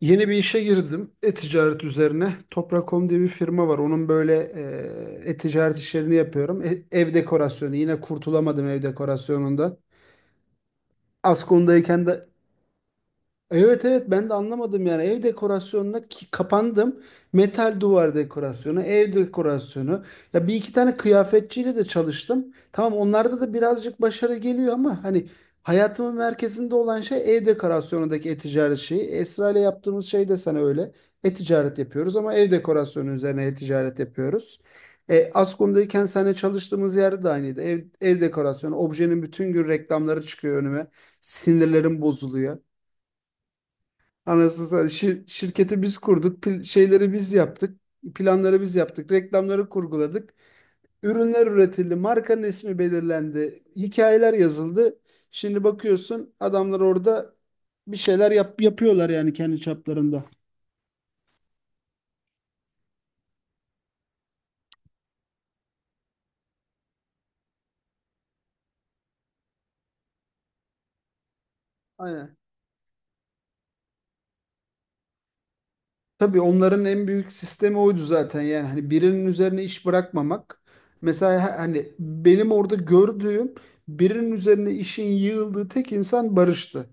Yeni bir işe girdim. E-ticaret üzerine. Toprak.com diye bir firma var. Onun böyle e-ticaret işlerini yapıyorum. Ev dekorasyonu. Yine kurtulamadım ev dekorasyonundan. Askon'dayken de. Evet, evet, ben de anlamadım yani ev dekorasyonuna ki kapandım. Metal duvar dekorasyonu, ev dekorasyonu. Ya, bir iki tane kıyafetçiyle de çalıştım. Tamam, onlarda da birazcık başarı geliyor ama hani hayatımın merkezinde olan şey ev dekorasyonundaki e-ticaret şeyi. Esra ile yaptığımız şey de sana öyle. E-ticaret yapıyoruz ama ev dekorasyonu üzerine e-ticaret yapıyoruz. Askon'dayken seninle çalıştığımız yerde de aynıydı. Ev dekorasyonu, objenin bütün gün reklamları çıkıyor önüme. Sinirlerim bozuluyor. Anasını satayım. Şirketi biz kurduk, şeyleri biz yaptık, planları biz yaptık, reklamları kurguladık, ürünler üretildi, markanın ismi belirlendi, hikayeler yazıldı. Şimdi bakıyorsun adamlar orada bir şeyler yapıyorlar yani kendi çaplarında. Aynen. Tabii, onların en büyük sistemi oydu zaten yani hani birinin üzerine iş bırakmamak. Mesela hani benim orada gördüğüm birinin üzerine işin yığıldığı tek insan Barış'tı.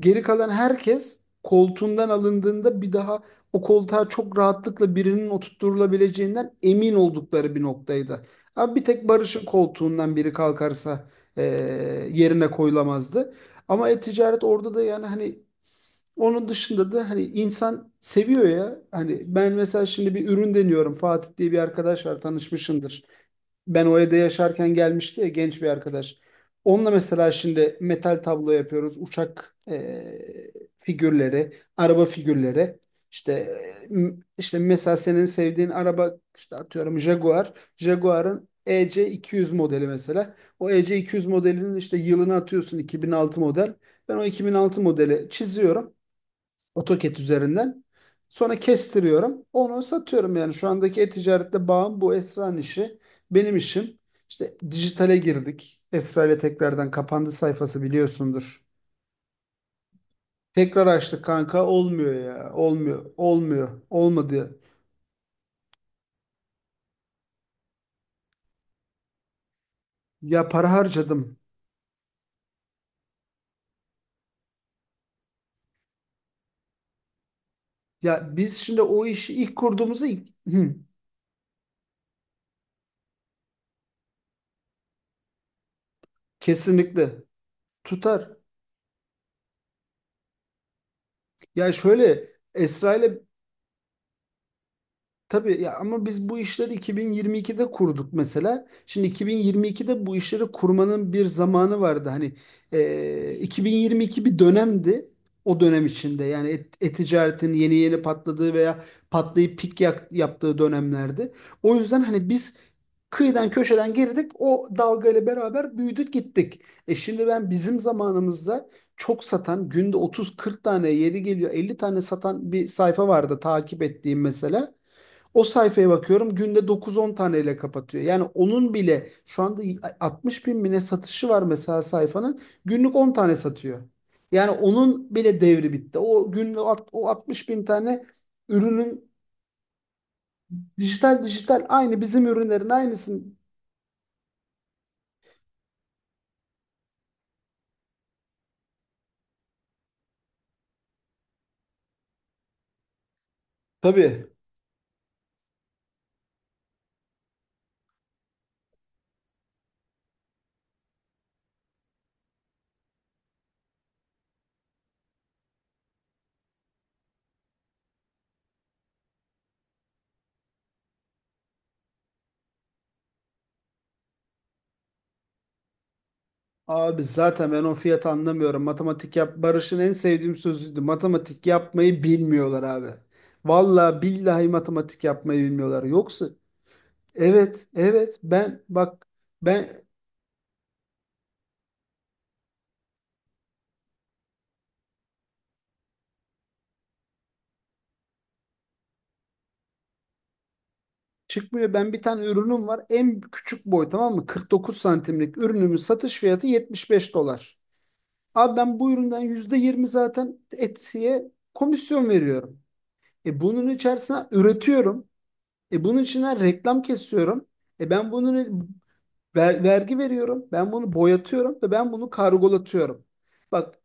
Geri kalan herkes koltuğundan alındığında bir daha o koltuğa çok rahatlıkla birinin oturtulabileceğinden emin oldukları bir noktaydı. Abi bir tek Barış'ın koltuğundan biri kalkarsa eee, yerine koyulamazdı. Ama e-ticaret orada da yani hani onun dışında da hani insan seviyor ya. Hani ben mesela şimdi bir ürün deniyorum. Fatih diye bir arkadaş var, tanışmışındır. Ben o evde yaşarken gelmişti ya, genç bir arkadaş. Onunla mesela şimdi metal tablo yapıyoruz. Uçak figürleri, araba figürleri. İşte işte mesela senin sevdiğin araba işte atıyorum Jaguar. Jaguar'ın EC200 modeli mesela. O EC200 modelinin işte yılını atıyorsun 2006 model. Ben o 2006 modeli çiziyorum. AutoCAD üzerinden. Sonra kestiriyorum. Onu satıyorum yani şu andaki e-ticarette bağım bu Esra'nın işi. Benim işim. İşte dijitale girdik. Esra ile tekrardan kapandı sayfası, biliyorsundur. Tekrar açtık kanka, olmuyor ya. Olmuyor. Olmuyor. Olmadı. Ya, para harcadım. Ya biz şimdi o işi ilk kurduğumuzda. Hı, kesinlikle tutar. Ya şöyle, Esra ile. Tabii ya, ama biz bu işleri 2022'de kurduk mesela. Şimdi 2022'de bu işleri kurmanın bir zamanı vardı. Hani 2022 bir dönemdi. O dönem içinde yani e-ticaretin yeni yeni patladığı veya patlayıp pik yaptığı dönemlerdi. O yüzden hani biz kıyıdan köşeden girdik. O dalgayla beraber büyüdük gittik. Şimdi ben bizim zamanımızda çok satan, günde 30-40 tane, yeri geliyor 50 tane satan bir sayfa vardı takip ettiğim mesela. O sayfaya bakıyorum günde 9-10 taneyle kapatıyor. Yani onun bile şu anda 60 bin bine satışı var mesela sayfanın. Günlük 10 tane satıyor. Yani onun bile devri bitti. O günlük o 60 bin tane ürünün dijital aynı bizim ürünlerin aynısın. Tabii. Abi zaten ben o fiyatı anlamıyorum. Matematik yap, Barış'ın en sevdiğim sözüydü. Matematik yapmayı bilmiyorlar abi. Vallahi billahi matematik yapmayı bilmiyorlar. Yoksa. Evet, evet. Ben bak, ben çıkmıyor. Ben bir tane ürünüm var. En küçük boy, tamam mı? 49 santimlik ürünümün satış fiyatı 75 dolar. Abi ben bu üründen %20 zaten Etsy'ye komisyon veriyorum. Bunun içerisine üretiyorum. Bunun içine reklam kesiyorum. Ben bunun vergi veriyorum. Ben bunu boyatıyorum ve ben bunu kargolatıyorum. Bak.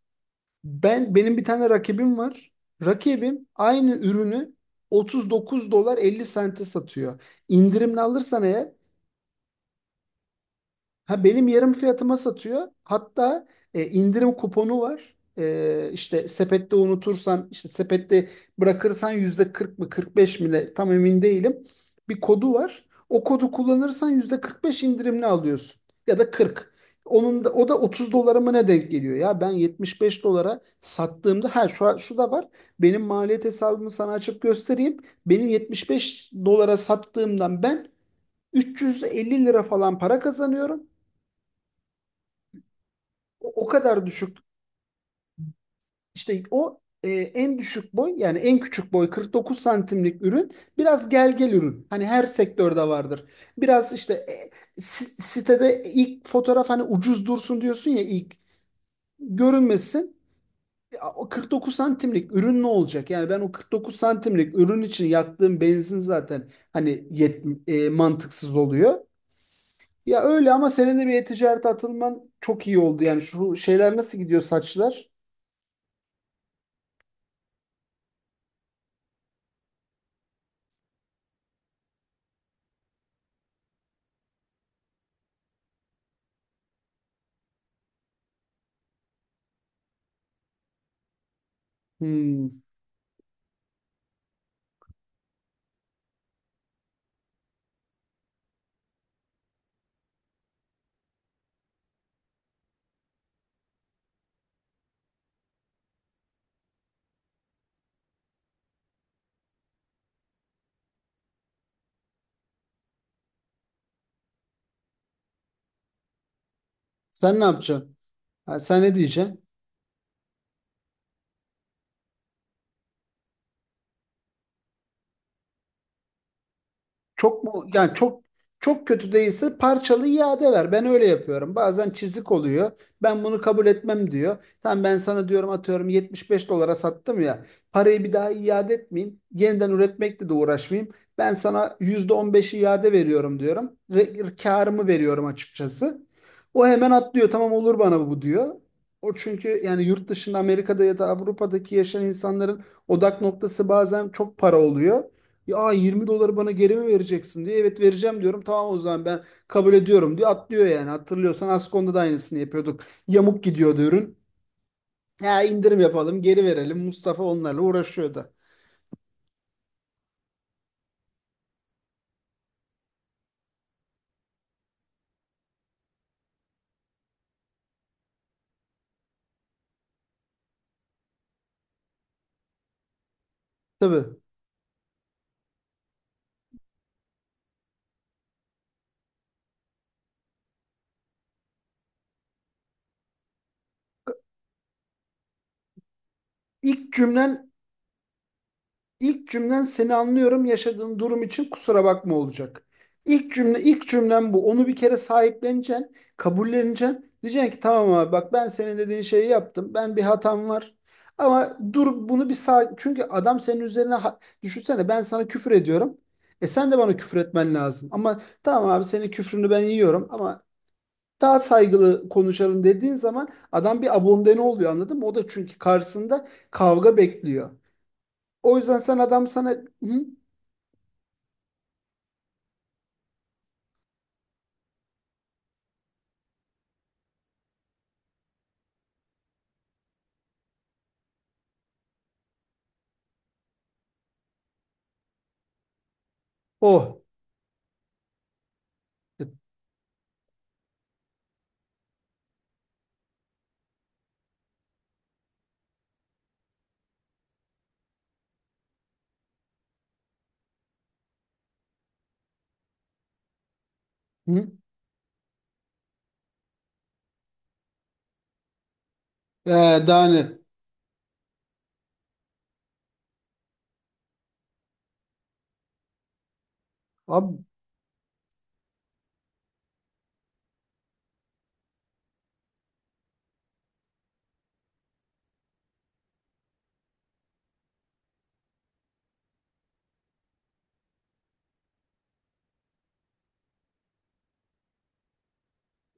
Benim bir tane rakibim var. Rakibim aynı ürünü 39 dolar 50 sente satıyor. İndirimli alırsan eğer. Ha, benim yarım fiyatıma satıyor. Hatta indirim kuponu var. E, işte sepette unutursan, işte sepette bırakırsan yüzde 40 mı 45 mi ne, tam emin değilim. Bir kodu var. O kodu kullanırsan yüzde 45 indirimli alıyorsun. Ya da 40. Onun da o da 30 dolara mı ne denk geliyor ya? Ben 75 dolara sattığımda, ha, şu şu da var. Benim maliyet hesabımı sana açıp göstereyim. Benim 75 dolara sattığımdan ben 350 lira falan para kazanıyorum. O kadar düşük, işte en düşük boy yani en küçük boy 49 santimlik ürün biraz gel gel ürün. Hani her sektörde vardır. Biraz işte sitede ilk fotoğraf hani ucuz dursun diyorsun ya ilk görünmesin. Ya, o 49 santimlik ürün ne olacak? Yani ben o 49 santimlik ürün için yaktığım benzin zaten hani mantıksız oluyor. Ya, öyle ama senin de bir e-ticarete atılman çok iyi oldu. Yani şu şeyler nasıl gidiyor, saçlar? Hmm. Sen ne yapacaksın? Ha, sen ne diyeceksin? Çok mu, yani çok çok kötü değilse parçalı iade ver. Ben öyle yapıyorum. Bazen çizik oluyor. Ben bunu kabul etmem diyor. Tamam, ben sana diyorum, atıyorum 75 dolara sattım ya. Parayı bir daha iade etmeyeyim. Yeniden üretmekle de uğraşmayayım. Ben sana %15 iade veriyorum diyorum. Karımı veriyorum açıkçası. O hemen atlıyor. Tamam olur bana bu diyor. O çünkü yani yurt dışında Amerika'da ya da Avrupa'daki yaşayan insanların odak noktası bazen çok para oluyor. Ya 20 doları bana geri mi vereceksin diye. Evet, vereceğim diyorum. Tamam, o zaman ben kabul ediyorum diyor. Atlıyor yani. Hatırlıyorsan Askon'da da aynısını yapıyorduk. Yamuk gidiyordu ürün. Ya indirim yapalım, geri verelim. Mustafa onlarla uğraşıyordu. Tabii. İlk cümlen İlk cümlen seni anlıyorum, yaşadığın durum için kusura bakma olacak. İlk cümlem bu. Onu bir kere sahipleneceksin, kabulleneceksin. Diyeceksin ki tamam abi bak, ben senin dediğin şeyi yaptım. Ben bir hatam var. Ama dur, bunu bir sağ çünkü adam senin üzerine düşünsene, ben sana küfür ediyorum. Sen de bana küfür etmen lazım. Ama tamam abi, senin küfrünü ben yiyorum ama daha saygılı konuşalım dediğin zaman adam bir abondene oluyor, anladın mı? O da çünkü karşısında kavga bekliyor. O yüzden sen adam sana. Hı? Oh. Hı? Ee, daha ne? Abi,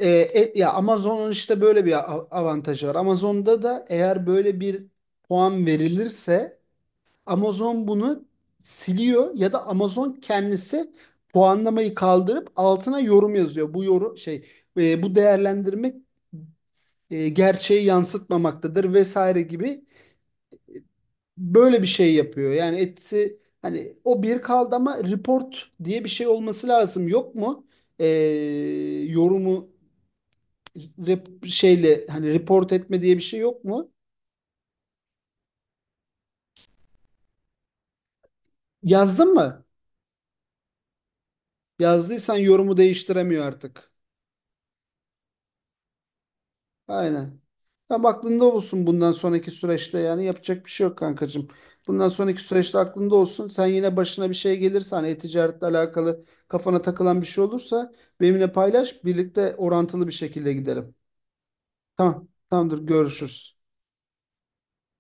ya Amazon'un işte böyle bir avantajı var. Amazon'da da eğer böyle bir puan verilirse Amazon bunu siliyor ya da Amazon kendisi puanlamayı kaldırıp altına yorum yazıyor. Bu yorum şey, bu değerlendirme, gerçeği yansıtmamaktadır vesaire gibi böyle bir şey yapıyor. Yani etsi hani o bir kaldı ama report diye bir şey olması lazım. Yok mu? Ee, yorumu şeyle, hani report etme diye bir şey yok mu? Yazdın mı? Yazdıysan yorumu değiştiremiyor artık. Aynen. Tam aklında olsun, bundan sonraki süreçte yani yapacak bir şey yok, kankacığım. Bundan sonraki süreçte aklında olsun. Sen yine başına bir şey gelirse, hani e-ticaretle alakalı kafana takılan bir şey olursa benimle paylaş. Birlikte orantılı bir şekilde gidelim. Tamam. Tamamdır. Görüşürüz.